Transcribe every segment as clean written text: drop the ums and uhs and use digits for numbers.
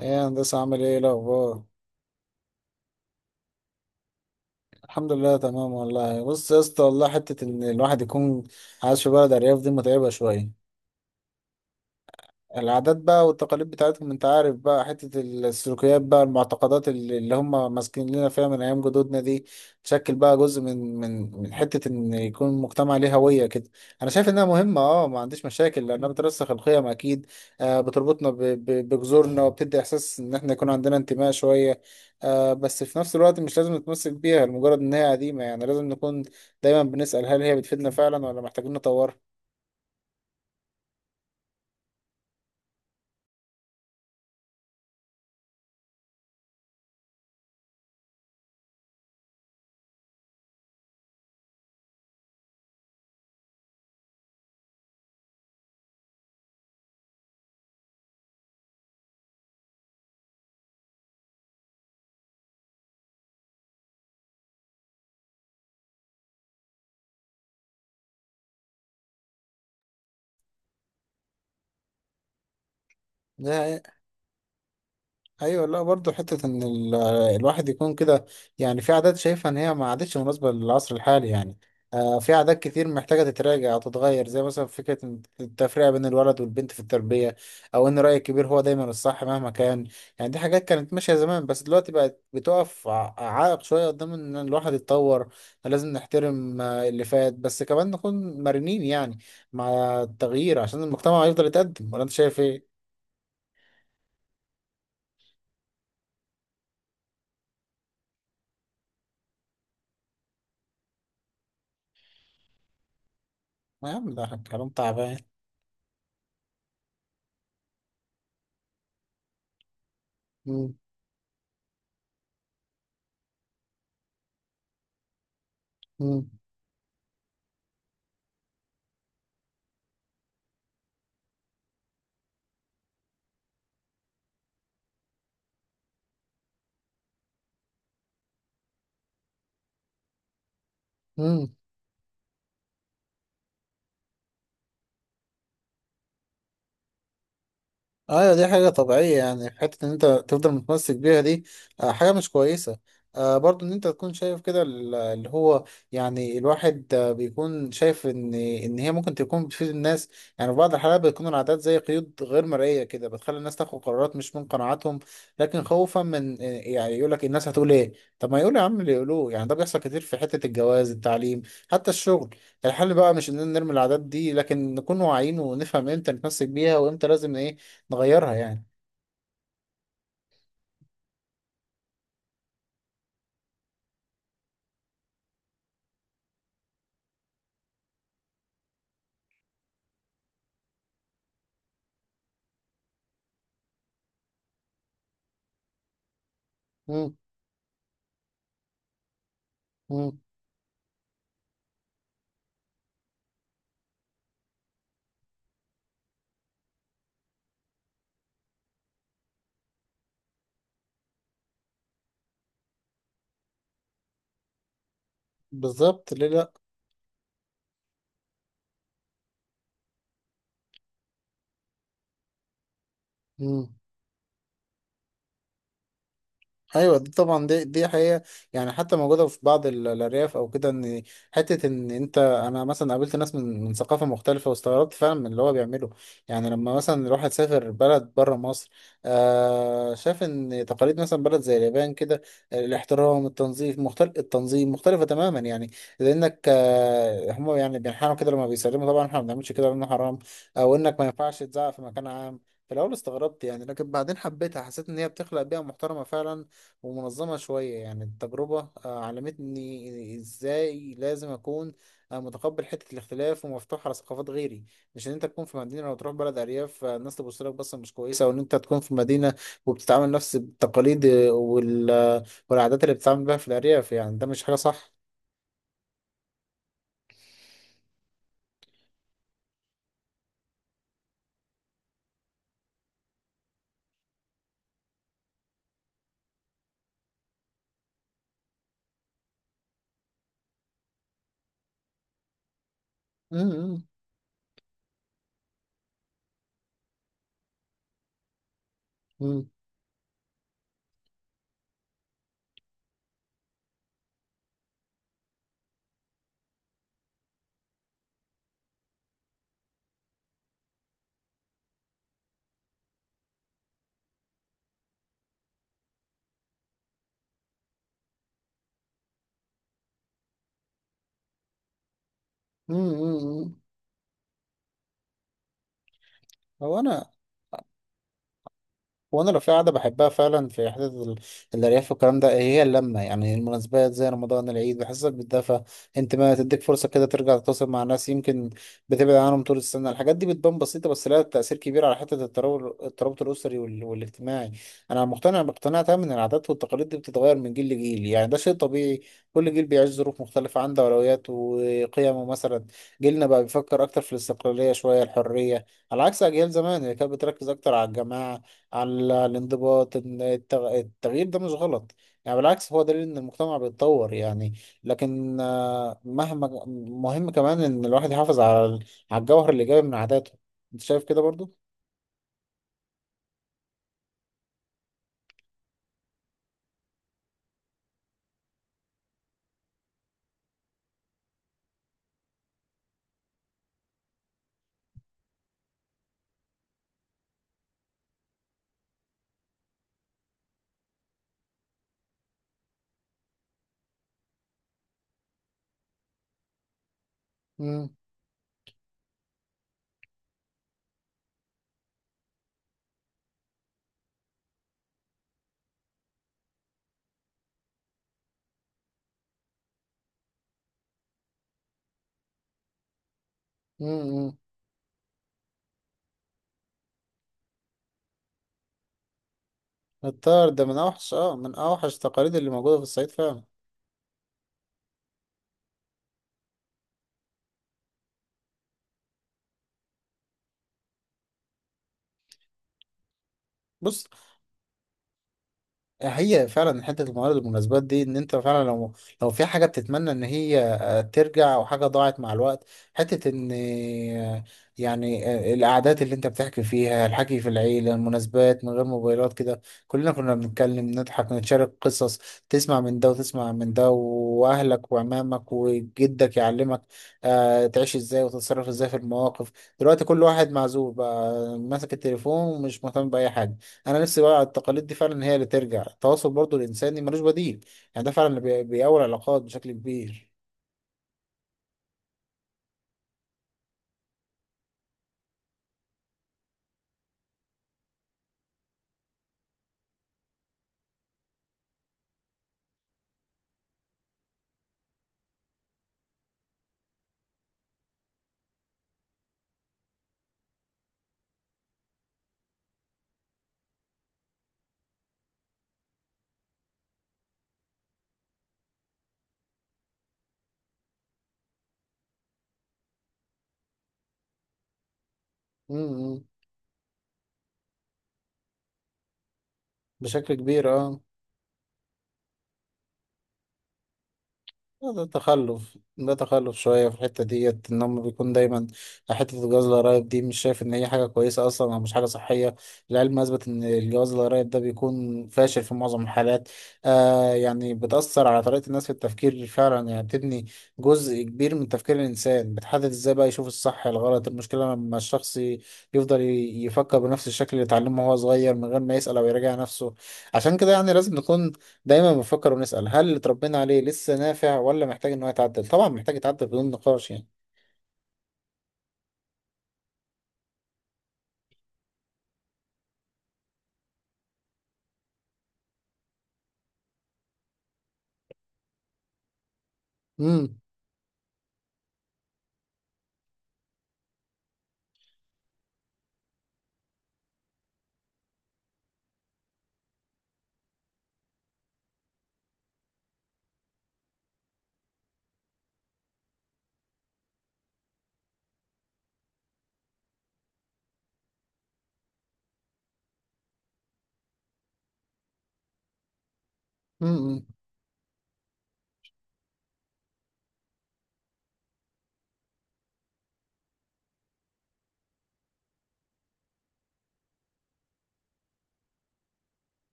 ايه يا هندسة، عامل ايه؟ إيه الأخبار؟ الحمد لله تمام والله. بص يا اسطى والله، حتة إن الواحد يكون عايش في بلد أرياف دي متعبة شوية. العادات بقى والتقاليد بتاعتهم، انت عارف بقى، حتة السلوكيات بقى، المعتقدات اللي هم ماسكين لنا فيها من ايام جدودنا دي تشكل بقى جزء من حتة ان يكون المجتمع ليه هوية كده. انا شايف انها مهمة، ما عنديش مشاكل لانها بترسخ القيم اكيد. بتربطنا بجذورنا وبتدي احساس ان احنا يكون عندنا انتماء شوية. بس في نفس الوقت مش لازم نتمسك بيها لمجرد ان هي قديمة، يعني لازم نكون دايما بنسأل، هل هي بتفيدنا فعلا ولا محتاجين نطورها؟ ايوه. لا برضه، حته ان الواحد يكون كده، يعني في عادات شايفها ان هي ما عادتش مناسبه للعصر الحالي. يعني في عادات كتير محتاجه تتراجع او تتغير، زي مثلا فكره إن التفرقه بين الولد والبنت في التربيه، او ان راي الكبير هو دايما الصح مهما كان. يعني دي حاجات كانت ماشيه زمان، بس دلوقتي بقت بتقف عائق شويه قدام ان الواحد يتطور. لازم نحترم اللي فات، بس كمان نكون مرنين يعني، مع التغيير عشان المجتمع يفضل يتقدم. ولا انت شايف ايه؟ يا عم ده كلام تعبان. مم. مم. ايوه دي حاجة طبيعية، يعني حتة ان انت تفضل متمسك بيها دي حاجة مش كويسة. برضو ان انت تكون شايف كده اللي هو، يعني الواحد بيكون شايف ان هي ممكن تكون بتفيد الناس. يعني في بعض الحالات بتكون العادات زي قيود غير مرئية كده، بتخلي الناس تاخد قرارات مش من قناعاتهم، لكن خوفا من، يعني يقول لك الناس هتقول ايه. طب ما يقول يا عم اللي يقولوه، يعني ده بيحصل كتير في حتة الجواز، التعليم، حتى الشغل. الحل بقى مش اننا نرمي العادات دي، لكن نكون واعيين ونفهم امتى نتمسك بيها وامتى لازم ايه، نغيرها يعني. مم. مم. بالظبط، ليه لا. مم. ايوه دي طبعا دي حقيقه. يعني حتى موجوده في بعض الارياف او كده، ان حته ان انا مثلا قابلت ناس من ثقافه مختلفه، واستغربت فعلا من اللي هو بيعمله. يعني لما مثلا الواحد سافر بلد بره مصر، شاف ان تقاليد مثلا بلد زي اليابان كده، الاحترام، التنظيف مختلف، التنظيم مختلفه تماما. يعني لانك آه هم يعني بينحنوا كده لما بيسلموا، طبعا احنا ما بنعملش كده لانه حرام. او انك ما ينفعش تزعق في مكان عام. في الاول استغربت يعني، لكن بعدين حبيتها، حسيت ان هي بتخلق بيئه محترمه فعلا، ومنظمة شوية. يعني التجربة علمتني ازاي لازم اكون متقبل حتة الاختلاف ومفتوح على ثقافات غيري. مش ان انت تكون في مدينة لو تروح بلد ارياف الناس تبص لك بصة مش كويسة، او ان انت تكون في مدينة وبتتعامل نفس التقاليد، والعادات اللي بتتعامل بيها في الارياف، يعني ده مش حاجة صح. مم، مم، مم، مم، مم. هو انا وانا لو في قعده بحبها فعلا، في حته الارياف والكلام ده، هي اللمه. يعني المناسبات زي رمضان، العيد، بحسك بتدفى، انت ما تديك فرصه كده ترجع تتواصل مع ناس يمكن بتبعد عنهم طول السنه. الحاجات دي بتبان بسيطه، بس لها تاثير كبير على حته الترابط الاسري والاجتماعي. انا مقتنع باقتناع تام ان العادات والتقاليد دي بتتغير من جيل لجيل. يعني ده شيء طبيعي، كل جيل بيعيش ظروف مختلفه، عنده اولويات وقيمه. مثلا جيلنا بقى بيفكر اكتر في الاستقلاليه شويه، الحريه، على عكس اجيال زمان اللي كانت بتركز اكتر على الجماعه، على الانضباط. إن التغيير ده مش غلط، يعني بالعكس هو دليل ان المجتمع بيتطور. يعني لكن، مهم كمان ان الواحد يحافظ على على الجوهر الايجابي من عاداته. انت شايف كده برضو؟ امم. امم. الطار ده من اوحش، من اوحش التقاليد اللي موجوده في الصعيد فعلا. بص. هي فعلا حته الموارد والمناسبات دي، ان انت فعلا لو لو في حاجه بتتمنى ان هي ترجع، او حاجه ضاعت مع الوقت. حته ان، يعني القعدات اللي انت بتحكي فيها، الحكي في العيله، المناسبات من غير موبايلات كده، كلنا كنا بنتكلم، نضحك، نتشارك قصص، تسمع من ده وتسمع من ده، واهلك وعمامك وجدك يعلمك تعيش ازاي وتتصرف ازاي في المواقف. دلوقتي كل واحد معزول بقى، ماسك التليفون ومش مهتم باي حاجه. انا نفسي بقى التقاليد دي فعلا هي اللي ترجع التواصل، برضو الانساني ملوش بديل، يعني ده فعلا اللي بيقوي العلاقات بشكل كبير. امم. بشكل كبير. اه ده تخلف، ده تخلف شوية في الحتة ديت إن هم بيكون دايما حتة الجواز القرايب دي. مش شايف إن هي حاجة كويسة أصلا، أو مش حاجة صحية. العلم أثبت إن الجواز القرايب ده بيكون فاشل في معظم الحالات. آه يعني بتأثر على طريقة الناس في التفكير فعلا، يعني بتبني جزء كبير من تفكير الإنسان، بتحدد إزاي بقى يشوف الصح، الغلط. المشكلة لما الشخص يفضل يفكر بنفس الشكل اللي اتعلمه وهو صغير، من غير ما يسأل أو يراجع نفسه. عشان كده يعني لازم نكون دايما بنفكر ونسأل، هل اللي اتربينا عليه لسه نافع ولا محتاج ان هو يتعدل؟ طبعا محتاج يتعدل بدون نقاش يعني. امم. امم.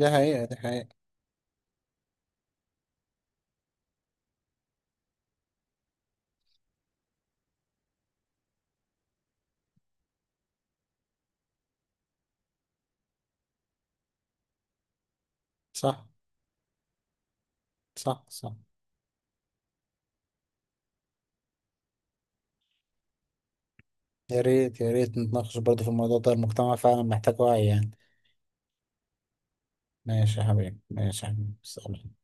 دي حقيقة، دي حقيقة. صح. صح. صح. يا ريت يا ريت نتناقش برضه في الموضوع ده، المجتمع فعلا محتاج وعي يعني. ماشي يا حبيبي، ماشي يا حبيبي، سلام.